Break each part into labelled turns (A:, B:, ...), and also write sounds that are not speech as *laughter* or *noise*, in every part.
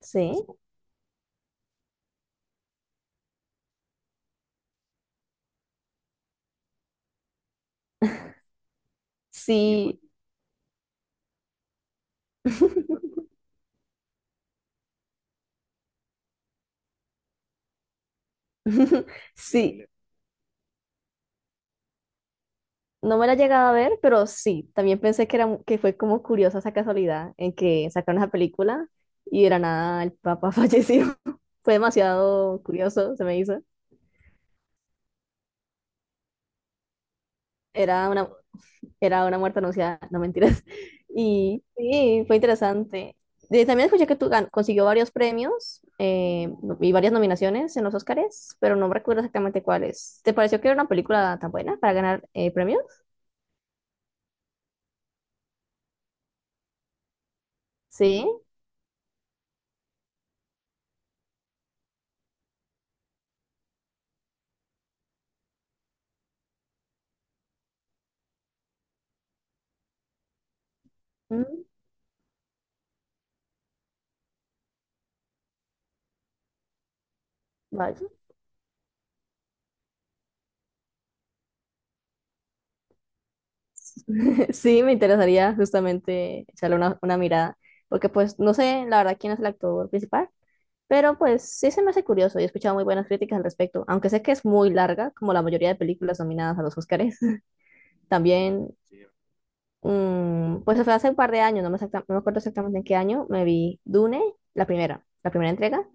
A: Sí, sí, sí. No me la he llegado a ver, pero sí. También pensé que era que fue como curiosa esa casualidad en que sacaron esa película y de la nada el papá *laughs* falleció. Fue demasiado curioso, se me hizo. Era una, era una muerte anunciada, no mentiras. *laughs* Y sí, fue interesante. También escuché que consiguió varios premios no, y varias nominaciones en los Oscars, pero no recuerdo exactamente cuáles. ¿Te pareció que era una película tan buena para ganar premios? Sí. Mm, vaya. Sí, me interesaría justamente echarle una mirada, porque pues no sé la verdad quién es el actor principal, pero pues sí se me hace curioso y he escuchado muy buenas críticas al respecto, aunque sé que es muy larga, como la mayoría de películas nominadas a los Oscars. *laughs* También, mm, pues fue hace un par de años, no me acuerdo exactamente en qué año, me vi Dune, la primera entrega,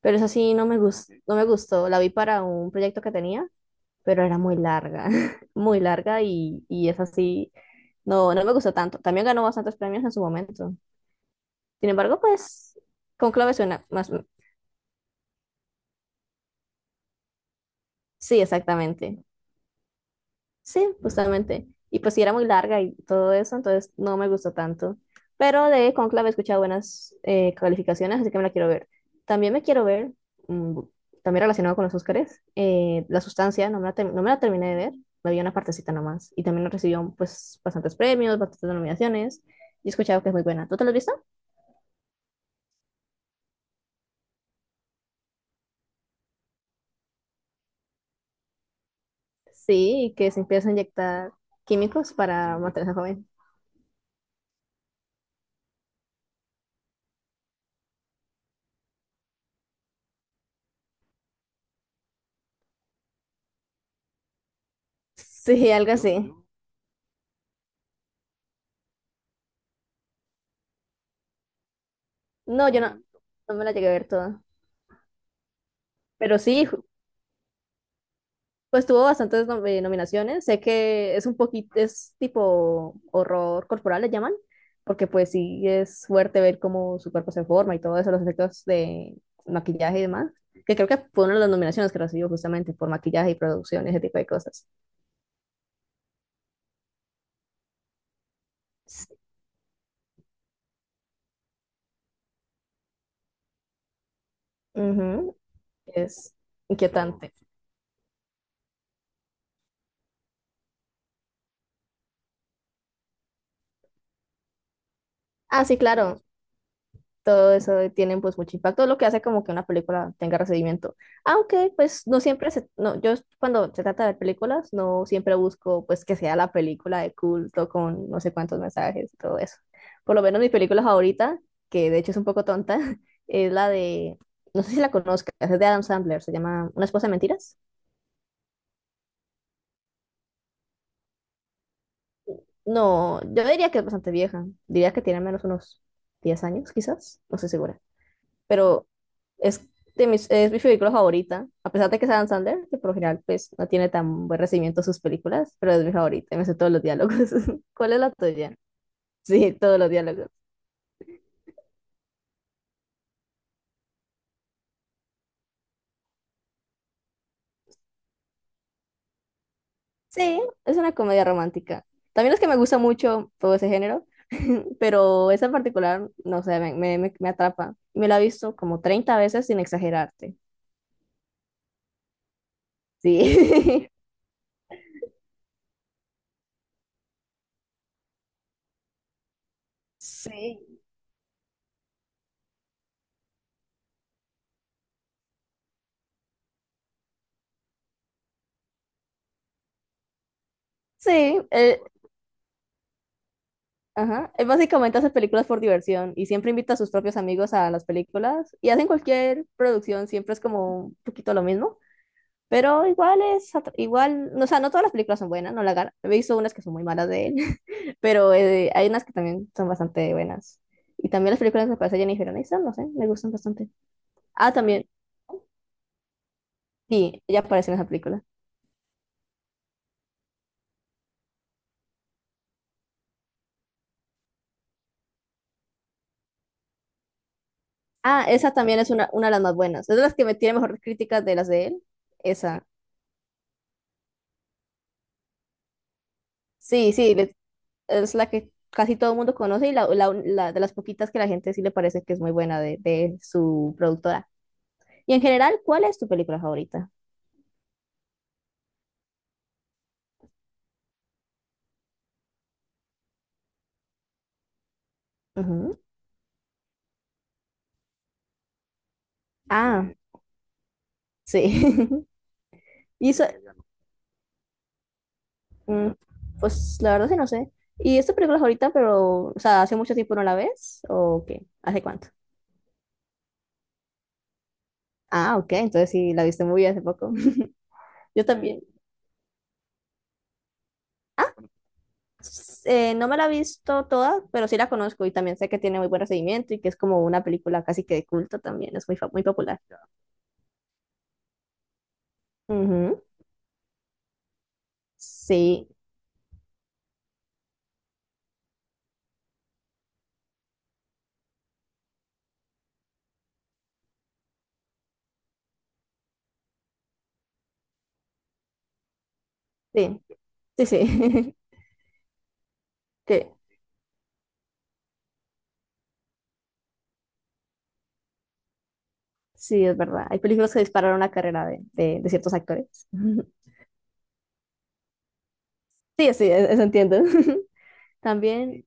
A: pero esa sí no me gustó, no me gustó, la vi para un proyecto que tenía pero era muy larga, *laughs* muy larga y es así, no, no me gustó tanto. También ganó bastantes premios en su momento. Sin embargo, pues, Conclave suena más, sí, exactamente. Sí, justamente. Y pues sí, era muy larga y todo eso, entonces no me gustó tanto. Pero de Conclave he escuchado buenas calificaciones, así que me la quiero ver. También me quiero ver, mm, también relacionado con los Óscares, La Sustancia, no me la terminé de ver, me vi una partecita nomás. Y también recibió pues bastantes premios, bastantes nominaciones, y he escuchado que es muy buena. ¿Tú te la has visto? Sí, que se empieza a inyectar químicos para mantenerse joven. *laughs* Sí, algo así. No, yo no, no me la llegué a ver toda. Pero sí, pues tuvo bastantes nominaciones. Sé que es un poquito, es tipo horror corporal, le llaman, porque pues sí es fuerte ver cómo su cuerpo se forma y todo eso, los efectos de maquillaje y demás. Que creo que fue una de las nominaciones que recibió justamente por maquillaje y producción, ese tipo de cosas. Sí, ujú, es claro, inquietante. Ah, sí, claro, todo eso tienen pues mucho impacto, lo que hace como que una película tenga recibimiento. Aunque pues no siempre se, no, yo cuando se trata de películas no siempre busco pues que sea la película de culto con no sé cuántos mensajes y todo eso. Por lo menos mi película favorita, que de hecho es un poco tonta, *laughs* es la de, no sé si la conozcas, es de Adam Sandler, se llama Una esposa de mentiras. No, yo diría que es bastante vieja, diría que tiene al menos unos 10 años quizás, no sé segura. Pero es de es mi película favorita, a pesar de que es Adam Sandler, que por lo general pues no tiene tan buen recibimiento sus películas, pero es mi favorita, y me sé todos los diálogos. *laughs* ¿Cuál es la tuya? Sí, todos los diálogos. Sí, es una comedia romántica. También es que me gusta mucho todo ese género, *laughs* pero esa en particular, no sé, me atrapa. Me la he visto como 30 veces sin exagerarte. Sí. *laughs* Sí. Sí, eh, ajá, él básicamente hace películas por diversión y siempre invita a sus propios amigos a las películas y hacen cualquier producción, siempre es como un poquito lo mismo, pero igual, no, o sea, no todas las películas son buenas, no la gana, he visto unas que son muy malas de él, *laughs* pero hay unas que también son bastante buenas. Y también las películas que aparece Jennifer Aniston, no sé, me gustan bastante. Ah, también, sí, ella aparece en esa película. Ah, esa también es una de las más buenas, es de las que me tiene mejores críticas de las de él, esa. Sí, sí, es la que casi todo el mundo conoce y la de las poquitas que la gente sí le parece que es muy buena de su productora. Y en general, ¿cuál es tu película favorita? Ujú. Ah, sí. *laughs* Y eso, mm, pues la verdad sí no sé. ¿Y esta película favorita, pero, o sea, hace mucho tiempo no la ves? ¿O qué? ¿Hace cuánto? Ah, ok, entonces sí, la viste muy hace poco. *laughs* Yo también. No me la he visto toda, pero sí la conozco y también sé que tiene muy buen recibimiento y que es como una película casi que de culto también, es muy, muy popular. Sí, sí, sí. *laughs* Que sí, es verdad. Hay películas que dispararon la carrera de, de ciertos actores. *laughs* Sí, sí, eso entiendo. *laughs* También,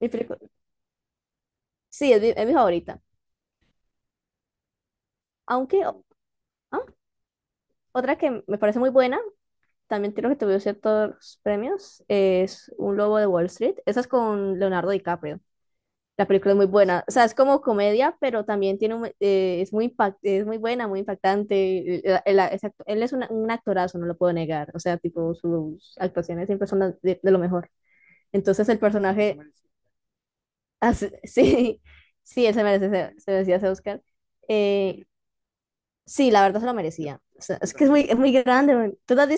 A: mi película, sí, es es mi favorita. Aunque, o- ah, otra que me parece muy buena, también creo que tuvo ciertos premios, es Un Lobo de Wall Street. Esa es con Leonardo DiCaprio. La película es muy buena, o sea, es como comedia, pero también tiene es es muy buena, muy impactante. Él es un actorazo, no lo puedo negar, o sea, tipo sus actuaciones siempre son las de lo mejor. Entonces el sí, personaje, merece. *laughs* Sí, sí, él se merece, merecía ese Oscar. Eh, sí, la verdad se lo merecía. O sea, es que es muy grande, man. ¿Tú te has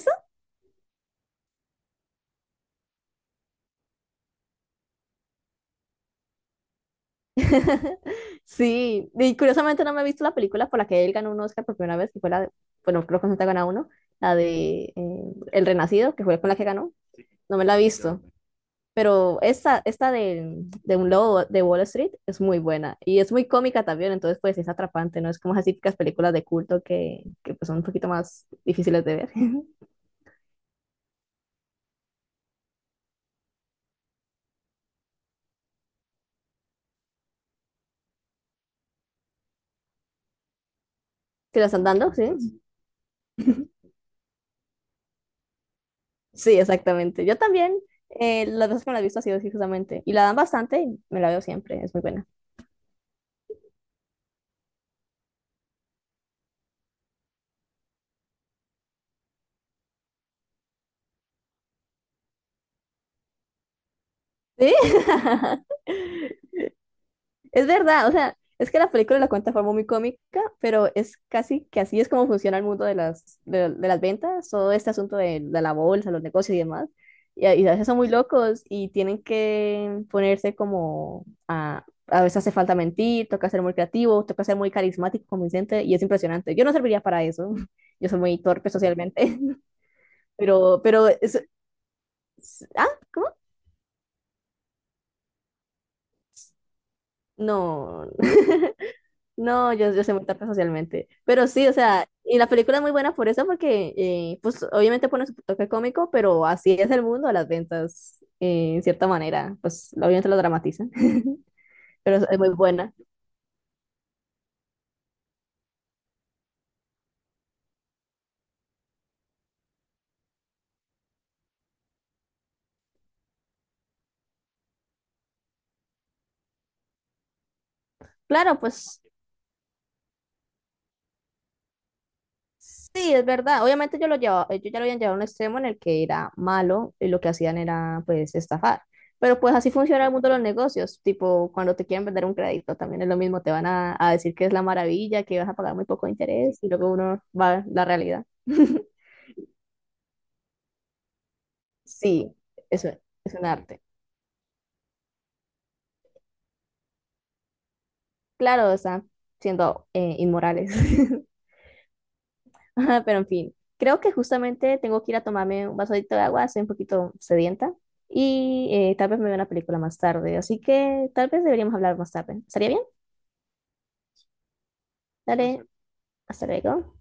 A: *laughs* sí, y curiosamente no me he visto la película por la que él ganó un Oscar por primera vez, que fue la de, bueno, creo que no te ha ganado uno, la de El Renacido, que fue con la que ganó, no me la he visto, pero esta de un lobo de Wall Street es muy buena y es muy cómica también, entonces pues es atrapante, ¿no? Es como esas típicas películas de culto que pues son un poquito más difíciles de ver. *laughs* ¿Te las están dando? Sí, sí, exactamente. Yo también, las veces que me la he visto ha sido así justamente, y la dan bastante y me la veo siempre, es muy buena. Sí, *laughs* es verdad, o sea, es que la película la cuenta de forma muy cómica, pero es casi que así es como funciona el mundo de las, de las ventas, todo este asunto de la bolsa, los negocios y demás. Y a veces son muy locos y tienen que ponerse como a veces hace falta mentir, toca ser muy creativo, toca ser muy carismático, convincente y es impresionante. Yo no serviría para eso, *laughs* yo soy muy torpe socialmente, *laughs* pero, pero, es- es- ah, ¿cómo? No, no, yo soy muy tarta socialmente. Pero sí, o sea, y la película es muy buena por eso, porque pues obviamente pone su toque cómico, pero así es el mundo de las ventas, en cierta manera. Pues obviamente lo dramatizan, *laughs* pero es muy buena. Claro, pues sí, es verdad. Obviamente yo lo llevaba, ellos ya lo habían llevado a un extremo en el que era malo y lo que hacían era pues estafar. Pero pues así funciona el mundo de los negocios. Tipo, cuando te quieren vender un crédito también es lo mismo. Te van a decir que es la maravilla, que vas a pagar muy poco interés y luego uno va a la realidad. *laughs* Sí, eso es un arte. Claro, están siendo inmorales. *laughs* *laughs* Ajá, pero en fin, creo que justamente tengo que ir a tomarme un vasodito de agua, estoy un poquito sedienta y tal vez me vea una película más tarde, así que tal vez deberíamos hablar más tarde. ¿Estaría bien? Dale, perfecto, hasta luego.